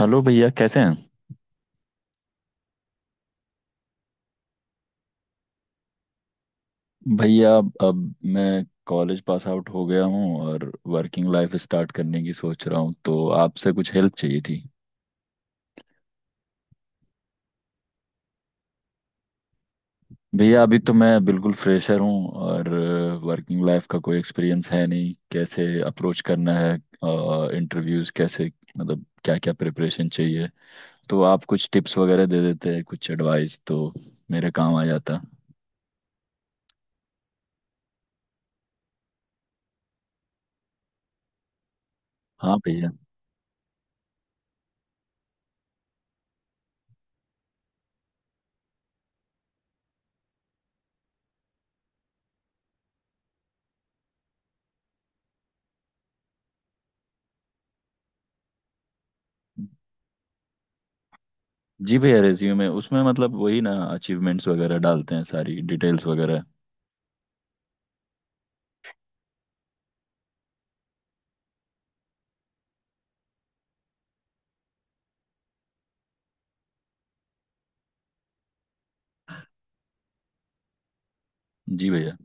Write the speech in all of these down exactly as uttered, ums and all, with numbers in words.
Hello भैया, कैसे हैं। भैया, अब अब मैं कॉलेज पास आउट हो गया हूँ, और वर्किंग लाइफ स्टार्ट करने की सोच रहा हूँ, तो आपसे कुछ हेल्प चाहिए थी। भैया, अभी तो मैं बिल्कुल फ्रेशर हूँ, और वर्किंग लाइफ का कोई एक्सपीरियंस है नहीं। कैसे अप्रोच करना है, इंटरव्यूज़ कैसे, मतलब क्या क्या प्रिपरेशन चाहिए, तो आप कुछ टिप्स वगैरह दे देते हैं, कुछ एडवाइस, तो मेरे काम आ जाता। हाँ भैया। जी भैया, रेज्यूमे, उसमें मतलब वही ना, अचीवमेंट्स वगैरह डालते हैं, सारी डिटेल्स वगैरह। जी भैया।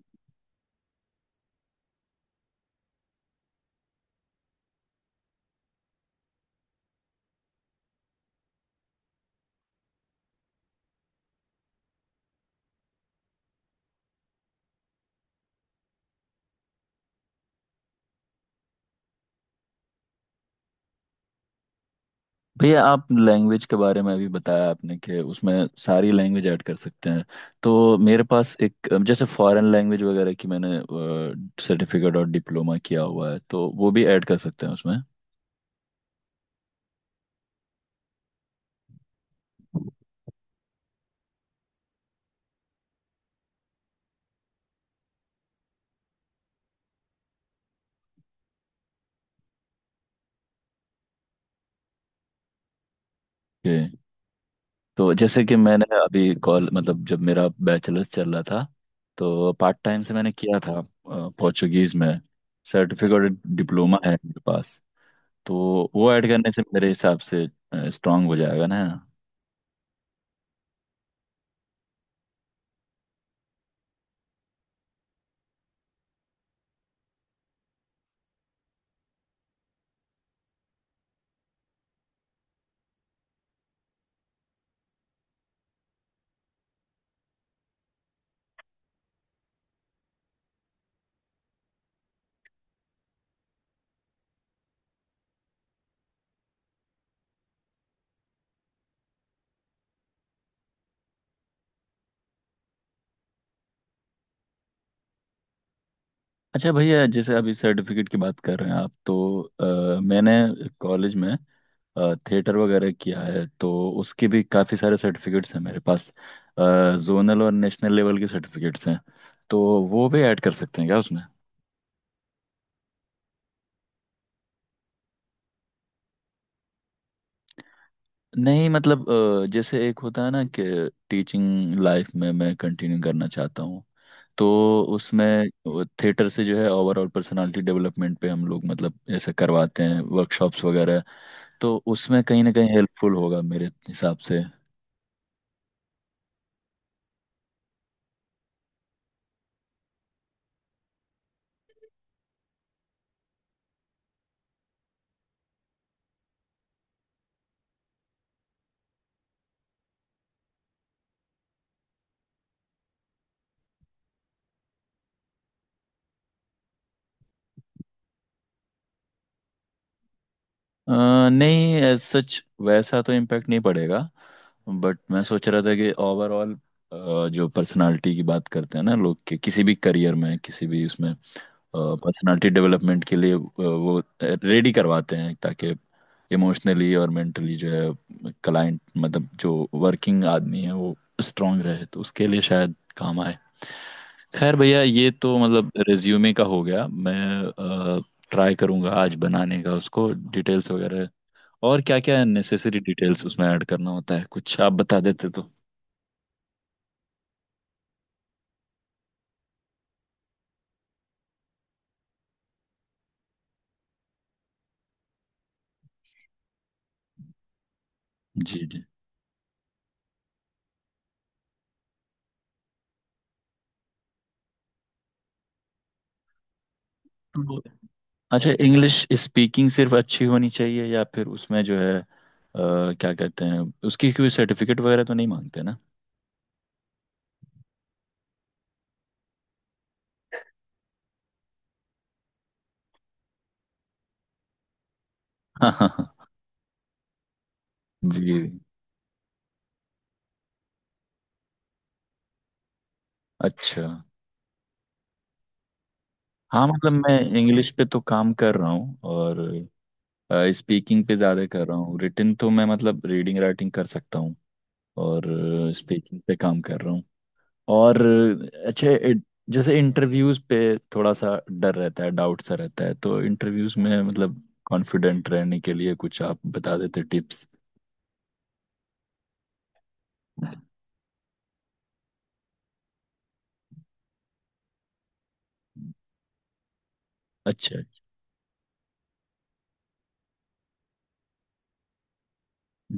भैया आप लैंग्वेज के बारे में अभी बताया आपने, कि उसमें सारी लैंग्वेज ऐड कर सकते हैं। तो मेरे पास एक अ, जैसे फॉरेन लैंग्वेज वगैरह की मैंने सर्टिफिकेट और डिप्लोमा किया हुआ है, तो वो भी ऐड कर सकते हैं उसमें। ओके। तो जैसे कि मैंने अभी कॉल मतलब जब मेरा बैचलर्स चल रहा था, तो पार्ट टाइम से मैंने किया था, पोर्चुगीज में सर्टिफिकेट डिप्लोमा है मेरे पास। तो वो ऐड करने से मेरे हिसाब से स्ट्रांग हो जाएगा ना। अच्छा भैया, जैसे अभी सर्टिफिकेट की बात कर रहे हैं आप, तो अ, मैंने कॉलेज में थिएटर वगैरह किया है, तो उसके भी काफ़ी सारे सर्टिफिकेट्स हैं मेरे पास। जोनल और नेशनल लेवल के सर्टिफिकेट्स हैं, तो वो भी ऐड कर सकते हैं क्या उसमें। नहीं मतलब, अ, जैसे एक होता है ना कि टीचिंग लाइफ में मैं कंटिन्यू करना चाहता हूँ, तो उसमें थिएटर से जो है ओवरऑल पर्सनालिटी डेवलपमेंट पे हम लोग मतलब ऐसे करवाते हैं वर्कशॉप्स वगैरह। तो उसमें कहीं ना कहीं हेल्पफुल होगा मेरे हिसाब से। अ, नहीं, एज सच वैसा तो इम्पैक्ट नहीं पड़ेगा, बट मैं सोच रहा था कि ओवरऑल जो पर्सनालिटी की बात करते हैं ना लोग, के किसी भी करियर में, किसी भी उसमें पर्सनालिटी डेवलपमेंट के लिए अ, वो रेडी करवाते हैं, ताकि इमोशनली और मेंटली जो है क्लाइंट मतलब जो वर्किंग आदमी है वो स्ट्रांग रहे, तो उसके लिए शायद काम आए। खैर भैया, ये तो मतलब रिज्यूमे का हो गया। मैं ट्राई करूंगा आज बनाने का उसको, डिटेल्स वगैरह और क्या क्या नेसेसरी डिटेल्स उसमें ऐड करना होता है कुछ आप बता देते तो। जी। जी। अच्छा, इंग्लिश स्पीकिंग सिर्फ अच्छी होनी चाहिए, या फिर उसमें जो है अ, क्या कहते हैं, उसकी कोई सर्टिफिकेट वगैरह तो नहीं मांगते ना। हाँ हाँ हाँ। जी। अच्छा। हाँ मतलब मैं इंग्लिश पे तो काम कर रहा हूँ, और स्पीकिंग पे ज़्यादा कर रहा हूँ। रिटन तो मैं मतलब रीडिंग राइटिंग कर सकता हूँ, और स्पीकिंग पे काम कर रहा हूँ। और अच्छा, it- जैसे इंटरव्यूज पे थोड़ा सा डर रहता है, डाउट सा रहता है, तो इंटरव्यूज में मतलब कॉन्फिडेंट रहने के लिए कुछ आप बता देते टिप्स। अच्छा।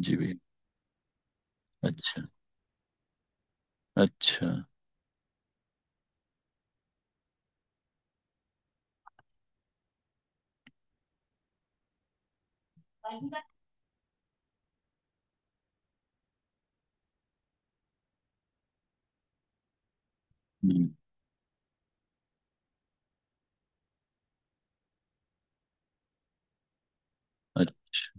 जी भी। अच्छा। अच्छा। हम्म। अच्छा।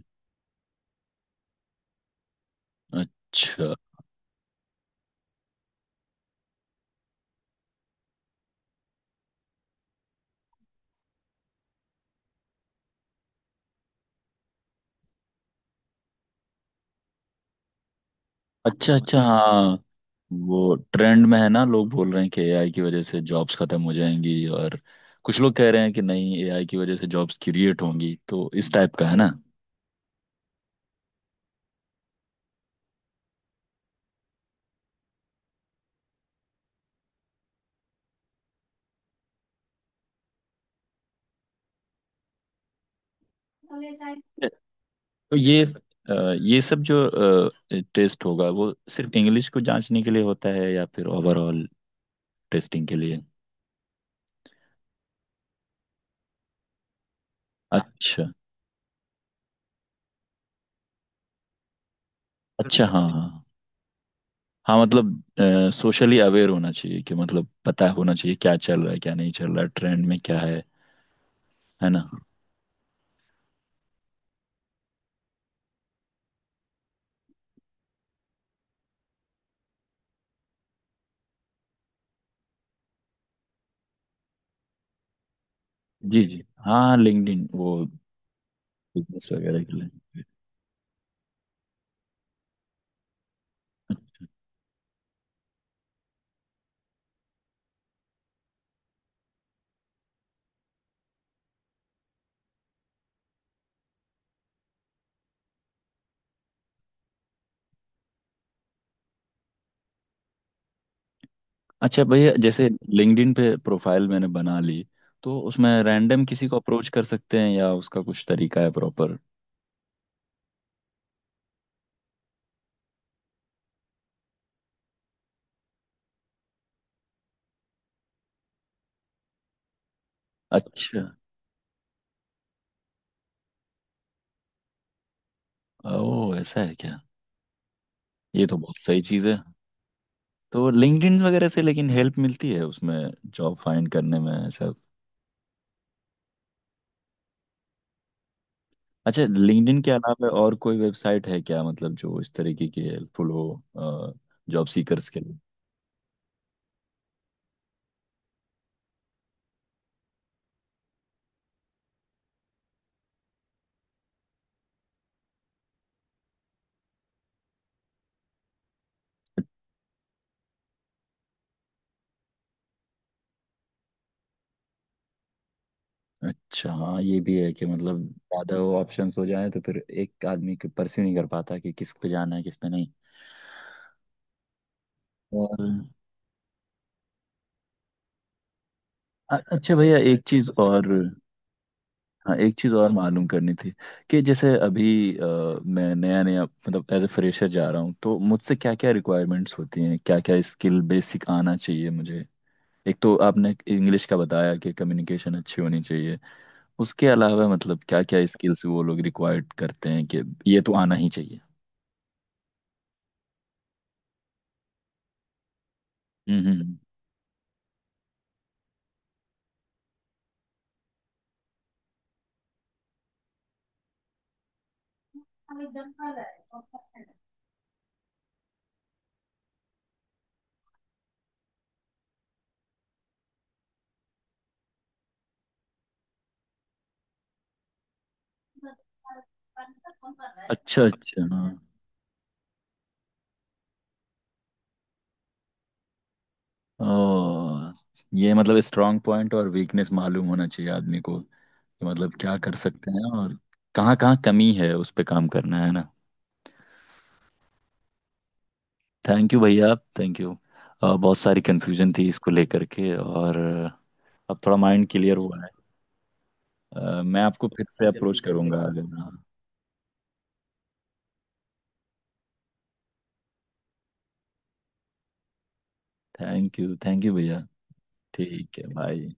अच्छा। अच्छा। अच्छा हाँ, वो ट्रेंड में है ना। लोग बोल रहे हैं कि एआई की वजह से जॉब्स खत्म हो जाएंगी, और कुछ लोग कह रहे हैं कि नहीं, एआई की वजह से जॉब्स क्रिएट होंगी, तो इस टाइप का है ना। तो ये अ, ये सब जो टेस्ट होगा, वो सिर्फ इंग्लिश को जांचने के लिए होता है, या फिर ओवरऑल टेस्टिंग के लिए। अच्छा। अच्छा हाँ हाँ हाँ। हाँ, मतलब सोशली अवेयर होना चाहिए, कि मतलब पता होना चाहिए क्या चल रहा है, क्या नहीं चल रहा है, ट्रेंड में क्या है है ना। जी जी, हाँ लिंक्डइन वो बिजनेस वगैरह के लिए। अच्छा भैया, जैसे लिंक्डइन पे प्रोफाइल मैंने बना ली, तो उसमें रैंडम किसी को अप्रोच कर सकते हैं, या उसका कुछ तरीका है प्रॉपर। अच्छा। ओह, ऐसा है क्या। ये तो बहुत सही चीज़ है। तो लिंक्डइन वगैरह से लेकिन हेल्प मिलती है उसमें जॉब फाइंड करने में, ऐसा। अच्छा, लिंक्डइन के अलावा और कोई वेबसाइट है क्या, मतलब जो इस तरीके की हेल्पफुल हो जॉब सीकर्स के लिए। अच्छा हाँ, ये भी है कि मतलब ज़्यादा वो ऑप्शंस हो जाए तो फिर एक आदमी परस्यू नहीं कर पाता कि किस पे जाना है किस पे नहीं। और अ- अच्छा भैया एक चीज़ और, हाँ एक चीज़ और मालूम करनी थी, कि जैसे अभी अ, मैं नया नया मतलब एज ए फ्रेशर जा रहा हूँ, तो मुझसे क्या क्या रिक्वायरमेंट्स होती हैं, क्या क्या स्किल बेसिक आना चाहिए मुझे। एक तो आपने इंग्लिश का बताया कि कम्युनिकेशन अच्छी होनी चाहिए, उसके अलावा मतलब क्या क्या स्किल्स वो लोग रिक्वायर्ड करते हैं कि ये तो आना ही चाहिए। हम्म हम्म हम्म। अच्छा अच्छा हाँ। ओ, ये मतलब स्ट्रांग पॉइंट और वीकनेस मालूम होना चाहिए आदमी को, कि मतलब क्या कर सकते हैं, और कहाँ कहाँ कमी है उस पे काम करना है ना। थैंक यू भैया, आप थैंक यू। बहुत सारी कन्फ्यूजन थी इसको लेकर के, और अब थोड़ा माइंड क्लियर हुआ है। अ, मैं आपको फिर से अप्रोच करूंगा अगर, हाँ। थैंक यू थैंक यू भैया। ठीक है बाय।